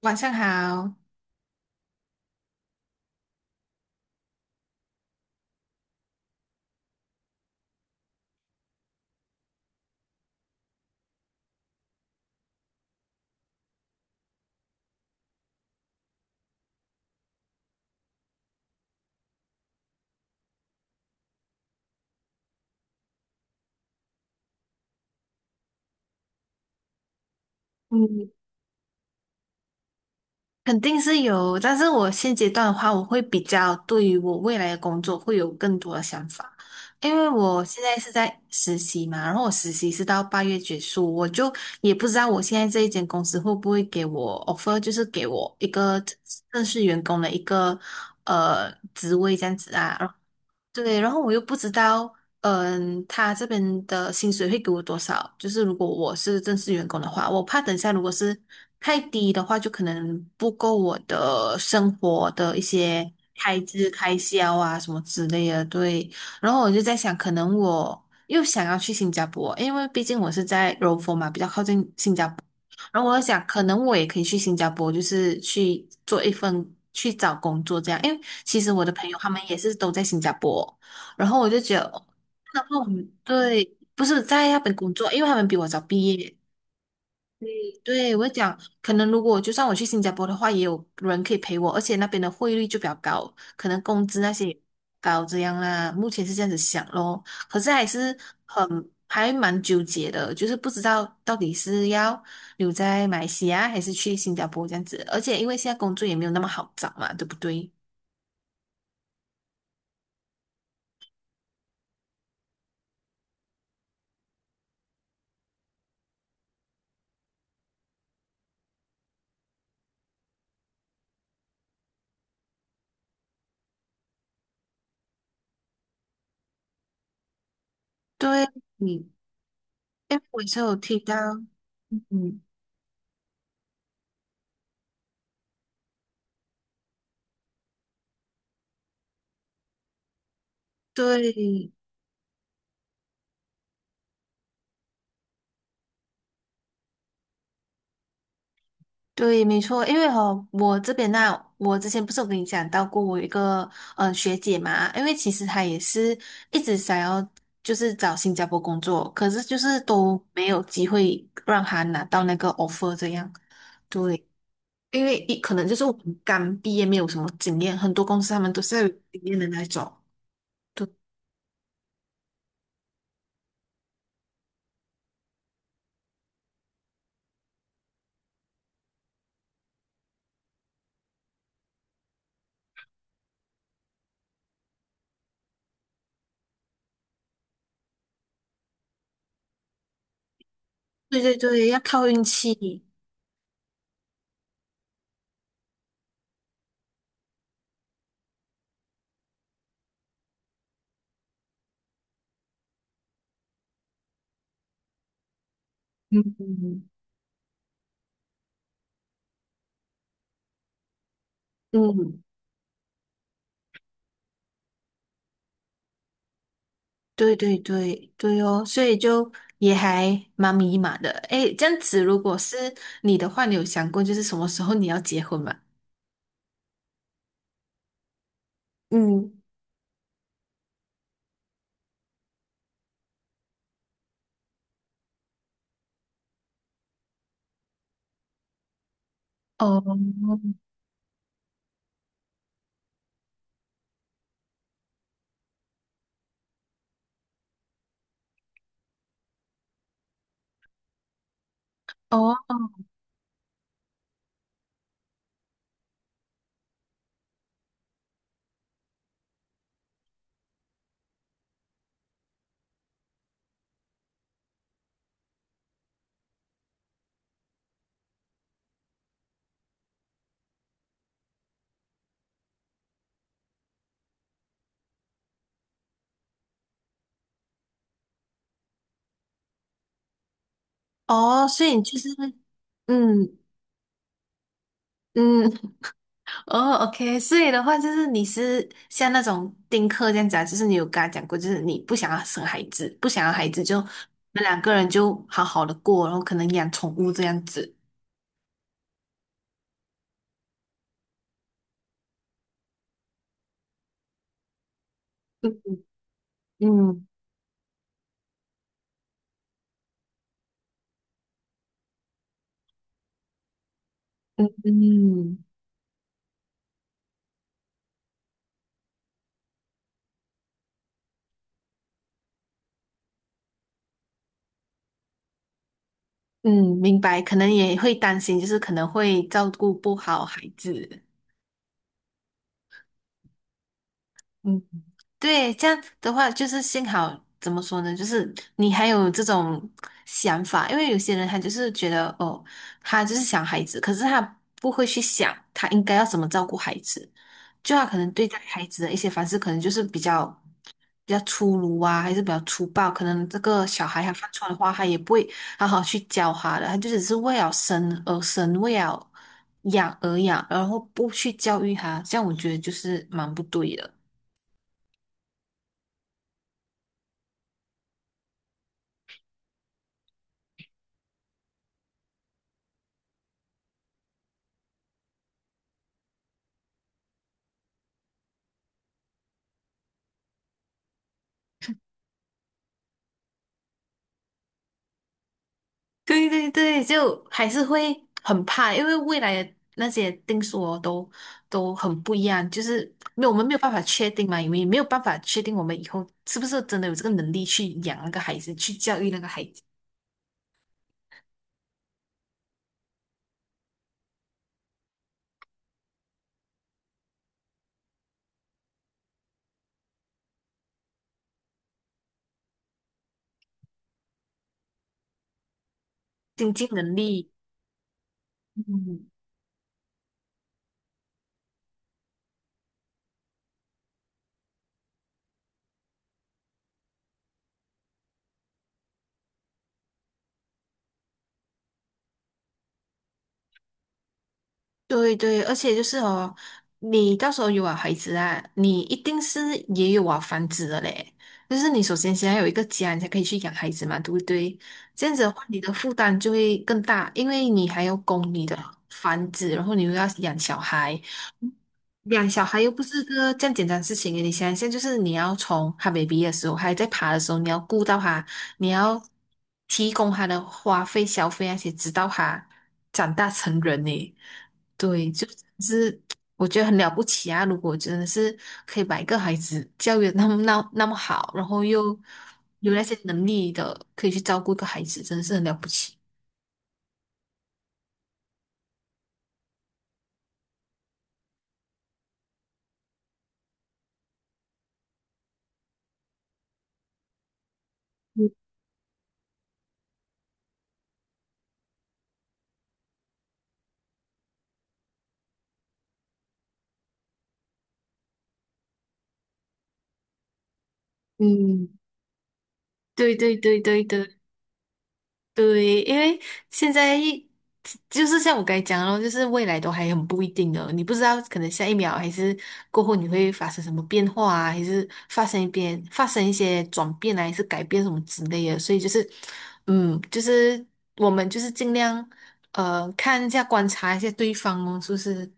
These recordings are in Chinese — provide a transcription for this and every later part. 晚上好。嗯，肯定是有，但是我现阶段的话，我会比较对于我未来的工作会有更多的想法，因为我现在是在实习嘛，然后我实习是到八月结束，我就也不知道我现在这一间公司会不会给我 offer，就是给我一个正式员工的一个职位这样子啊。对，然后我又不知道，嗯，他这边的薪水会给我多少？就是如果我是正式员工的话，我怕等下如果是太低的话，就可能不够我的生活的一些开支、开销啊什么之类的。对，然后我就在想，可能我又想要去新加坡，因为毕竟我是在柔佛嘛，比较靠近新加坡。然后我在想，可能我也可以去新加坡，就是去做一份去找工作这样，因为。其实我的朋友他们也是都在新加坡，然后我就觉得，然后我们对，不是在那边工作，因为他们比我早毕业。对，对，我就讲，可能如果就算我去新加坡的话，也有人可以陪我，而且那边的汇率就比较高，可能工资那些也高这样啦。目前是这样子想咯，可是还是蛮纠结的，就是不知道到底是要留在马来西亚还是去新加坡这样子，而且因为现在工作也没有那么好找嘛，对不对？对。哎，我也是有提到，嗯，对对，没错，因为哦，我这边呢、我之前不是有跟你讲到过，我有一个学姐嘛，因为其实她也是一直想要就是找新加坡工作，可是就是都没有机会让她拿到那个 offer 这样。对，因为一可能就是我们刚毕业没有什么经验，很多公司他们都是要有经验的那种。对对对对，要靠运气。嗯嗯。嗯，对对对对哦，所以就也还蛮迷茫的。诶，这样子，如果是你的话，你有想过就是什么时候你要结婚吗？嗯。哦哦哦，所以你就是嗯嗯 哦，OK，所以的话就是你是像那种丁克这样子啊，就是你有跟他讲过，就是你不想要生孩子，不想要孩子就你们两个人就好好的过，然后可能养宠物这样子。嗯嗯嗯。嗯嗯，明白，可能也会担心，就是可能会照顾不好孩子。嗯，对，这样的话，就是幸好怎么说呢，就是你还有这种想法，因为有些人他就是觉得哦，他就是想孩子，可是他不会去想他应该要怎么照顾孩子，就他可能对待孩子的一些方式，可能就是比较。比较粗鲁啊，还是比较粗暴，可能这个小孩他犯错的话，他也不会好好去教他的，他就只是为了生而生，为了养而养，然后不去教育他，这样我觉得就是蛮不对的。对对对，就还是会很怕，因为未来的那些定数哦，都很不一样，就是没有我们没有办法确定嘛，因为没有办法确定我们以后是不是真的有这个能力去养那个孩子，去教育那个孩子，经济能力。嗯。对对，而且就是哦，你到时候有了孩子啊，你一定是也有啊房子的嘞。就是你首先先要有一个家，你才可以去养孩子嘛，对不对？这样子的话，你的负担就会更大，因为你还要供你的房子，然后你又要养小孩，养小孩又不是个这样简单的事情诶，你想一下，就是你要从他 baby 的时候，还在爬的时候，你要顾到他，你要提供他的花费、消费那些，直到他长大成人呢。对，就真的是我觉得很了不起啊！如果真的是可以把一个孩子教育得那么好，然后又有那些能力的，可以去照顾一个孩子，真的是很了不起。嗯，对对对对对。对，因为现在一就是像我刚才讲的咯，就是未来都还很不一定的，你不知道可能下一秒还是过后你会发生什么变化啊，还是发生一些转变啊，还是改变什么之类的，所以就是，嗯，就是我们就是尽量看一下观察一下对方哦，是不是？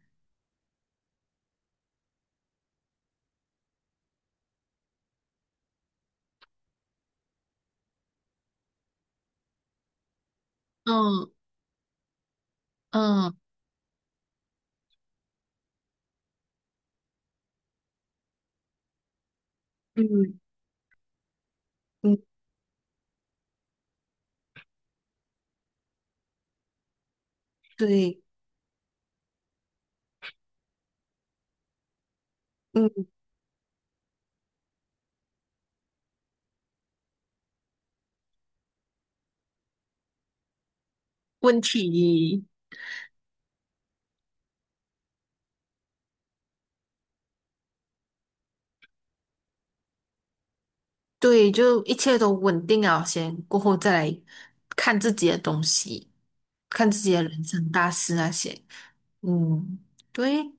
嗯嗯，嗯嗯，对，嗯，问题。对，就一切都稳定了先，过后再来看自己的东西，看自己的人生大事那些。嗯，对，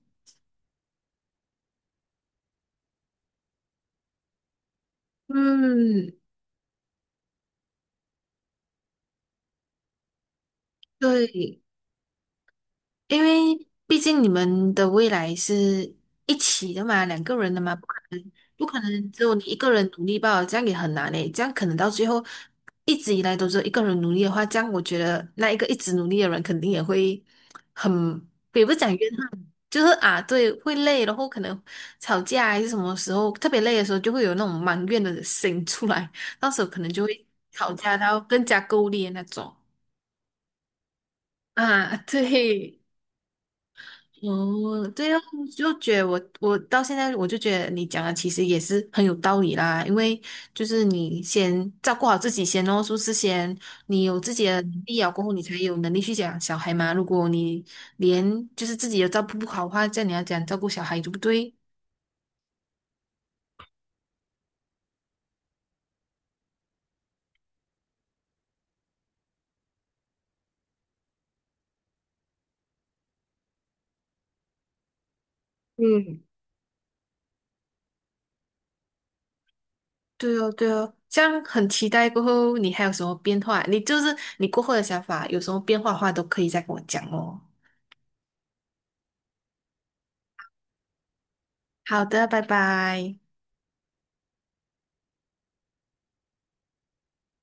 嗯，对，因为毕竟你们的未来是一起的嘛，两个人的嘛，不可能只有你一个人努力吧，这样也很难诶，这样可能到最后一直以来都是一个人努力的话，这样我觉得那一个一直努力的人肯定也会很，也不是讲怨恨，就是啊，对，会累，然后可能吵架还是什么时候特别累的时候，就会有那种埋怨的心出来，到时候可能就会吵架到更加够力的那种 啊，对。哦，对哦，就觉得我到现在我就觉得你讲的其实也是很有道理啦，因为就是你先照顾好自己先哦，是不是先你有自己的能力了过后，你才有能力去养小孩嘛。如果你连就是自己也照顾不好的话，这样你要讲照顾小孩，对不对？嗯。对哦，对哦，这样很期待过后你还有什么变化？你就是你过后的想法有什么变化的话，都可以再跟我讲哦。好的，拜拜。